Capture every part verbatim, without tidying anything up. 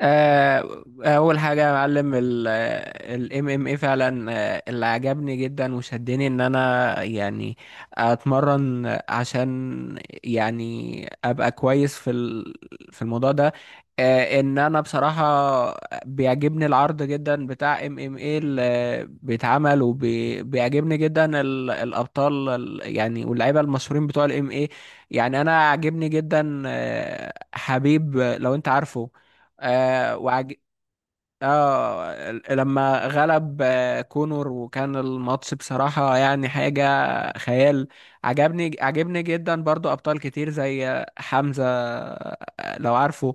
آه، اول حاجه يا معلم الام ام اي فعلا. آه، اللي عجبني جدا وشدني ان انا يعني اتمرن عشان يعني ابقى كويس في ال- في الموضوع ده. آه، ان انا بصراحه بيعجبني العرض جدا بتاع ام ام اي اللي بيتعمل، وبيعجبني جدا ال- الابطال ال- يعني واللعيبه المشهورين بتوع الام اي. يعني انا عاجبني جدا، آه، حبيب، لو انت عارفه. آه وعج... اه، لما غلب آه كونور وكان الماتش بصراحة يعني حاجة خيال. عجبني عجبني جدا برضو أبطال كتير زي حمزة، آه، لو عارفه.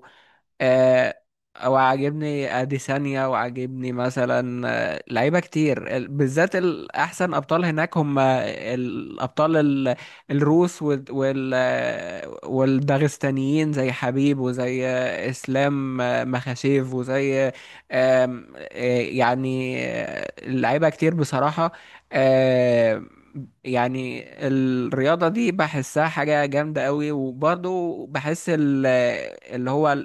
آه، او عاجبني اديسانيا، وعاجبني مثلا آه، لعيبه كتير، ال- بالذات الاحسن ابطال هناك هم الابطال ال- الروس وال وال- آه، والداغستانيين زي حبيب، وزي آه، اسلام آه، مخاشيف، وزي آم، آه، يعني آه، لعيبه كتير بصراحه. آه، يعني الرياضة دي بحسها حاجة جامدة قوي، وبرضو بحس ال- اللي هو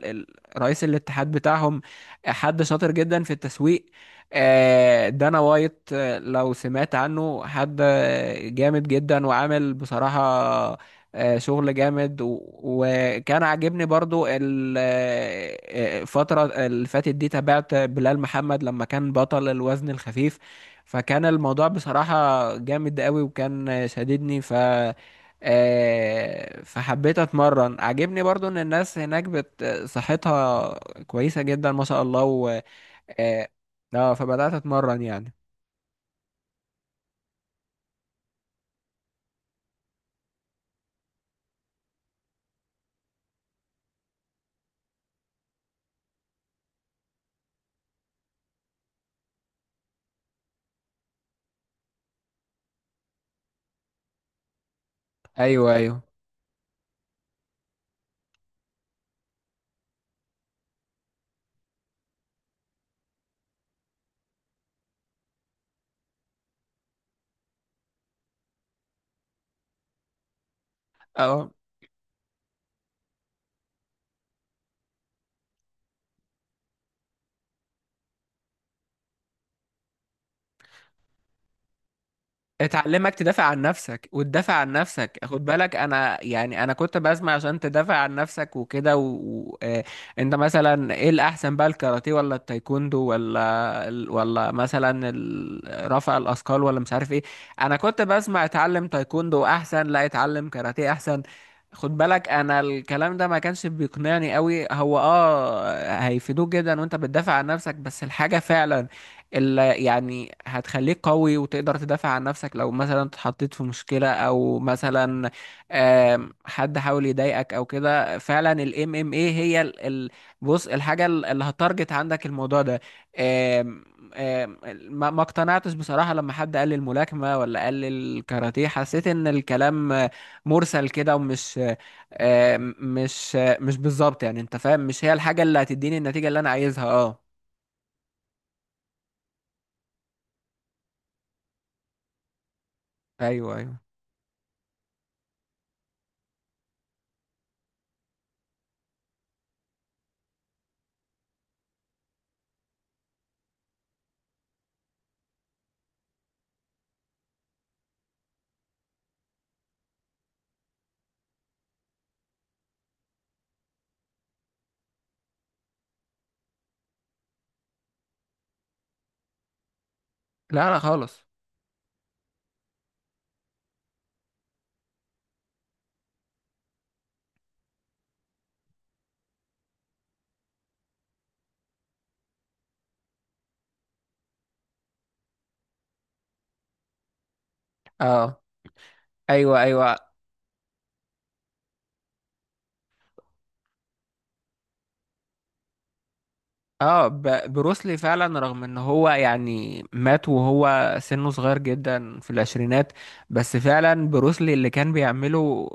رئيس الاتحاد بتاعهم حد شاطر جدا في التسويق. آه، دانا وايت، آه، لو سمعت عنه، حد آه، جامد جدا وعامل بصراحة آه، شغل جامد، و- وكان عاجبني برضو ال- آه، الفترة اللي فاتت دي تابعت بلال محمد لما كان بطل الوزن الخفيف. فكان الموضوع بصراحة جامد قوي وكان شديدني ف آه، فحبيت اتمرن. عجبني برضو ان الناس هناك بت صحتها كويسة جدا ما شاء الله. و اه. آه، فبدأت اتمرن يعني. ايوه، ايوه. اه. اتعلمك تدافع عن نفسك وتدافع عن نفسك. خد بالك، انا يعني انا كنت بسمع عشان تدافع عن نفسك وكده. و... و... آه، انت مثلا ايه الاحسن بقى؟ الكاراتيه، ولا التايكوندو، ولا ال- ولا مثلا ال- رفع الاثقال، ولا مش عارف ايه. انا كنت بسمع اتعلم تايكوندو احسن، لا اتعلم كاراتيه احسن. خد بالك، انا الكلام ده ما كانش بيقنعني قوي. هو اه، هيفيدوك جدا وانت بتدافع عن نفسك، بس الحاجة فعلا اللي يعني هتخليك قوي وتقدر تدافع عن نفسك لو مثلا اتحطيت في مشكلة، او مثلا آم، حد حاول يضايقك او كده، فعلا الام ام اي هي ال ال بص، الحاجة ال- اللي هتارجت عندك الموضوع ده. آم، آم، ما ما اقتنعتش بصراحة لما حد قال لي الملاكمة ولا قال لي الكاراتيه. حسيت ان الكلام آه، مرسل كده، ومش آه، مش آه، مش بالظبط. يعني انت فاهم، مش هي الحاجة اللي هتديني النتيجة اللي انا عايزها. اه. ايوه، ايوه. لا، لا، خالص. اه. ايوه، ايوه. اه، ب- بروسلي فعلا، رغم ان هو يعني مات وهو سنه صغير جدا في العشرينات. بس فعلا بروسلي اللي كان بيعمله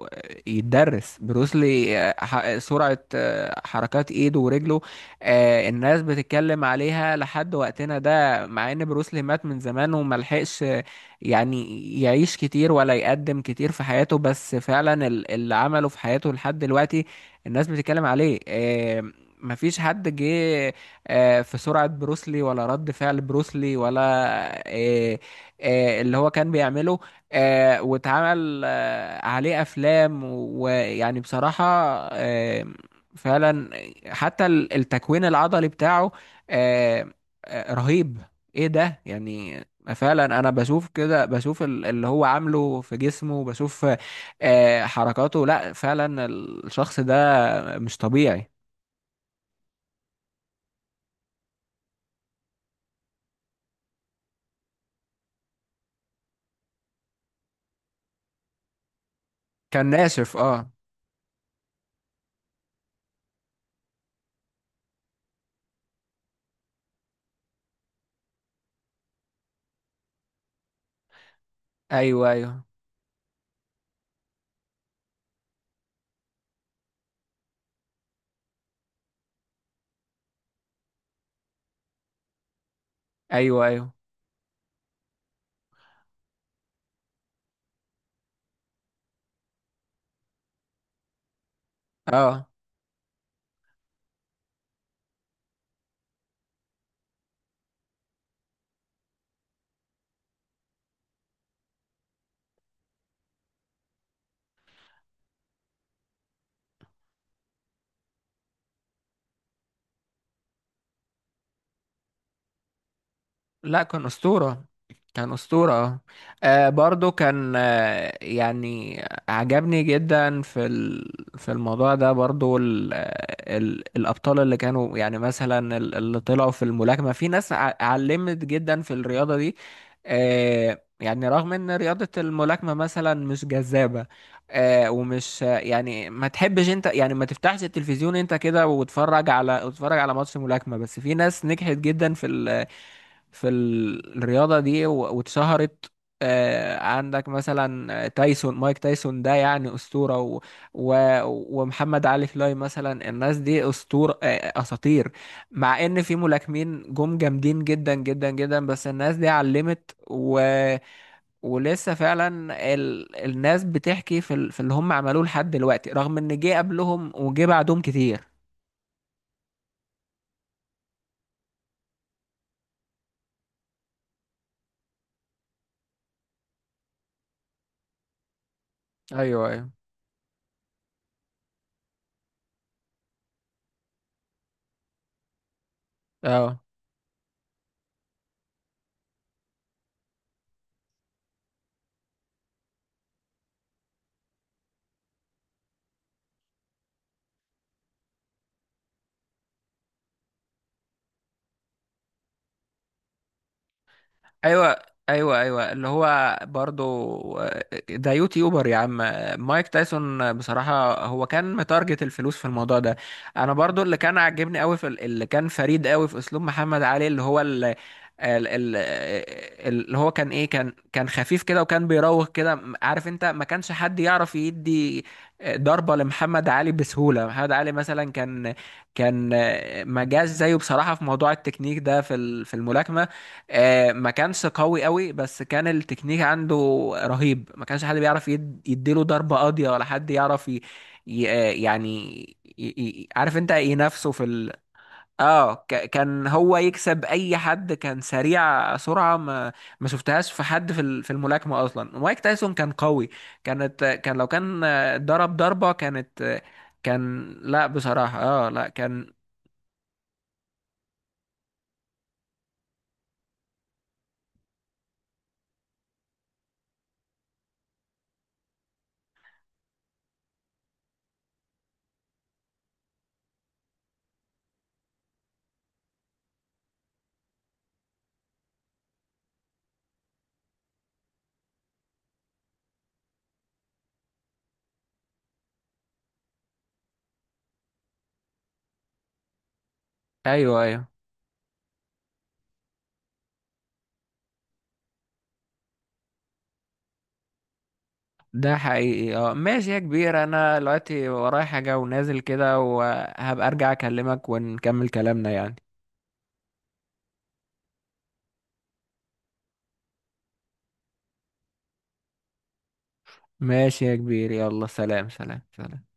يتدرس. بروسلي آه، ح- سرعة، آه، حركات ايده ورجله. آه، الناس بتتكلم عليها لحد وقتنا ده، مع ان بروسلي مات من زمان وملحقش آه، يعني يعيش كتير ولا يقدم كتير في حياته. بس فعلا ال- اللي عمله في حياته لحد دلوقتي الناس بتتكلم عليه. آه، مفيش حد جه آه، في سرعة بروسلي، ولا رد فعل بروسلي، ولا آه، آه، اللي هو كان بيعمله. آه، واتعمل آه، عليه أفلام ويعني بصراحة آه، فعلا. حتى ال- التكوين العضلي بتاعه آه، آه، رهيب. ايه ده يعني. فعلا، انا بشوف كده، بشوف ال- اللي هو عامله في جسمه، بشوف آه، حركاته. لا فعلا الشخص ده مش طبيعي. كان ناشف، اه. ايوه، ايوه. ايوه، ايوه. اه، لا كان أسطورة. كان أسطورة، اه. آه، برضو كان آه يعني عجبني جدا في ال- في الموضوع ده، برضو ال آه، ال الأبطال اللي كانوا يعني مثلا ال- اللي طلعوا في الملاكمة. في ناس ع- علمت جدا في الرياضة دي. آه يعني رغم ان رياضة الملاكمة مثلا مش جذابة، آه ومش آه، يعني ما تحبش انت يعني ما تفتحش التلفزيون انت كده وتتفرج على وتتفرج على ماتش ملاكمة، بس في ناس نجحت جدا في ال في ال- الرياضة دي و- واتشهرت. آه، عندك مثلا آه، تايسون، مايك تايسون ده يعني أسطورة. و... و... ومحمد علي كلاي مثلا، الناس دي أسطورة، آه، آه، أساطير. مع إن في ملاكمين جم جامدين جدا جدا جدا، بس الناس دي علمت. و... ولسه فعلا ال... الناس بتحكي في, ال... في اللي هم عملوه لحد دلوقتي، رغم إن جه قبلهم وجه بعدهم كتير. ايوه، ايوه. اه. ايوه، ايوه، ايوه. اللي هو برضو ده يوتيوبر يا عم. مايك تايسون بصراحه هو كان متارجت الفلوس في الموضوع ده. انا برضو، اللي كان عاجبني قوي في اللي كان فريد قوي في اسلوب محمد علي، اللي هو ال- ال- ال- اللي هو كان ايه، كان كان خفيف كده وكان بيراوغ كده، عارف انت، ما كانش حد يعرف يدي آه، ضربة لمحمد علي بسهولة. محمد علي مثلا كان كان مجاز زيه بصراحة في موضوع التكنيك ده في ال- في الملاكمة. آه، ما كانش قوي قوي، بس كان التكنيك عنده رهيب. ما كانش حد بيعرف يد- يديله ضربة قاضية، ولا حد يعرف ي... ي... آه، يعني ي... ي... عارف انت، ينافسه في ال... اه، ك... كان هو يكسب اي حد. كان سريع سرعة ما ما شفتهاش في حد في ال- في الملاكمة. اصلا مايك تايسون كان قوي. كانت كان لو كان آه، ضرب ضربة، كانت آه، كان. لا بصراحة، اه لا كان. ايوه، ايوه. ده حقيقي، اه. ماشي يا كبير، انا دلوقتي ورايا حاجة ونازل كده، وهبقى ارجع اكلمك ونكمل كلامنا يعني. ماشي يا كبير، يلا سلام، سلام، سلام.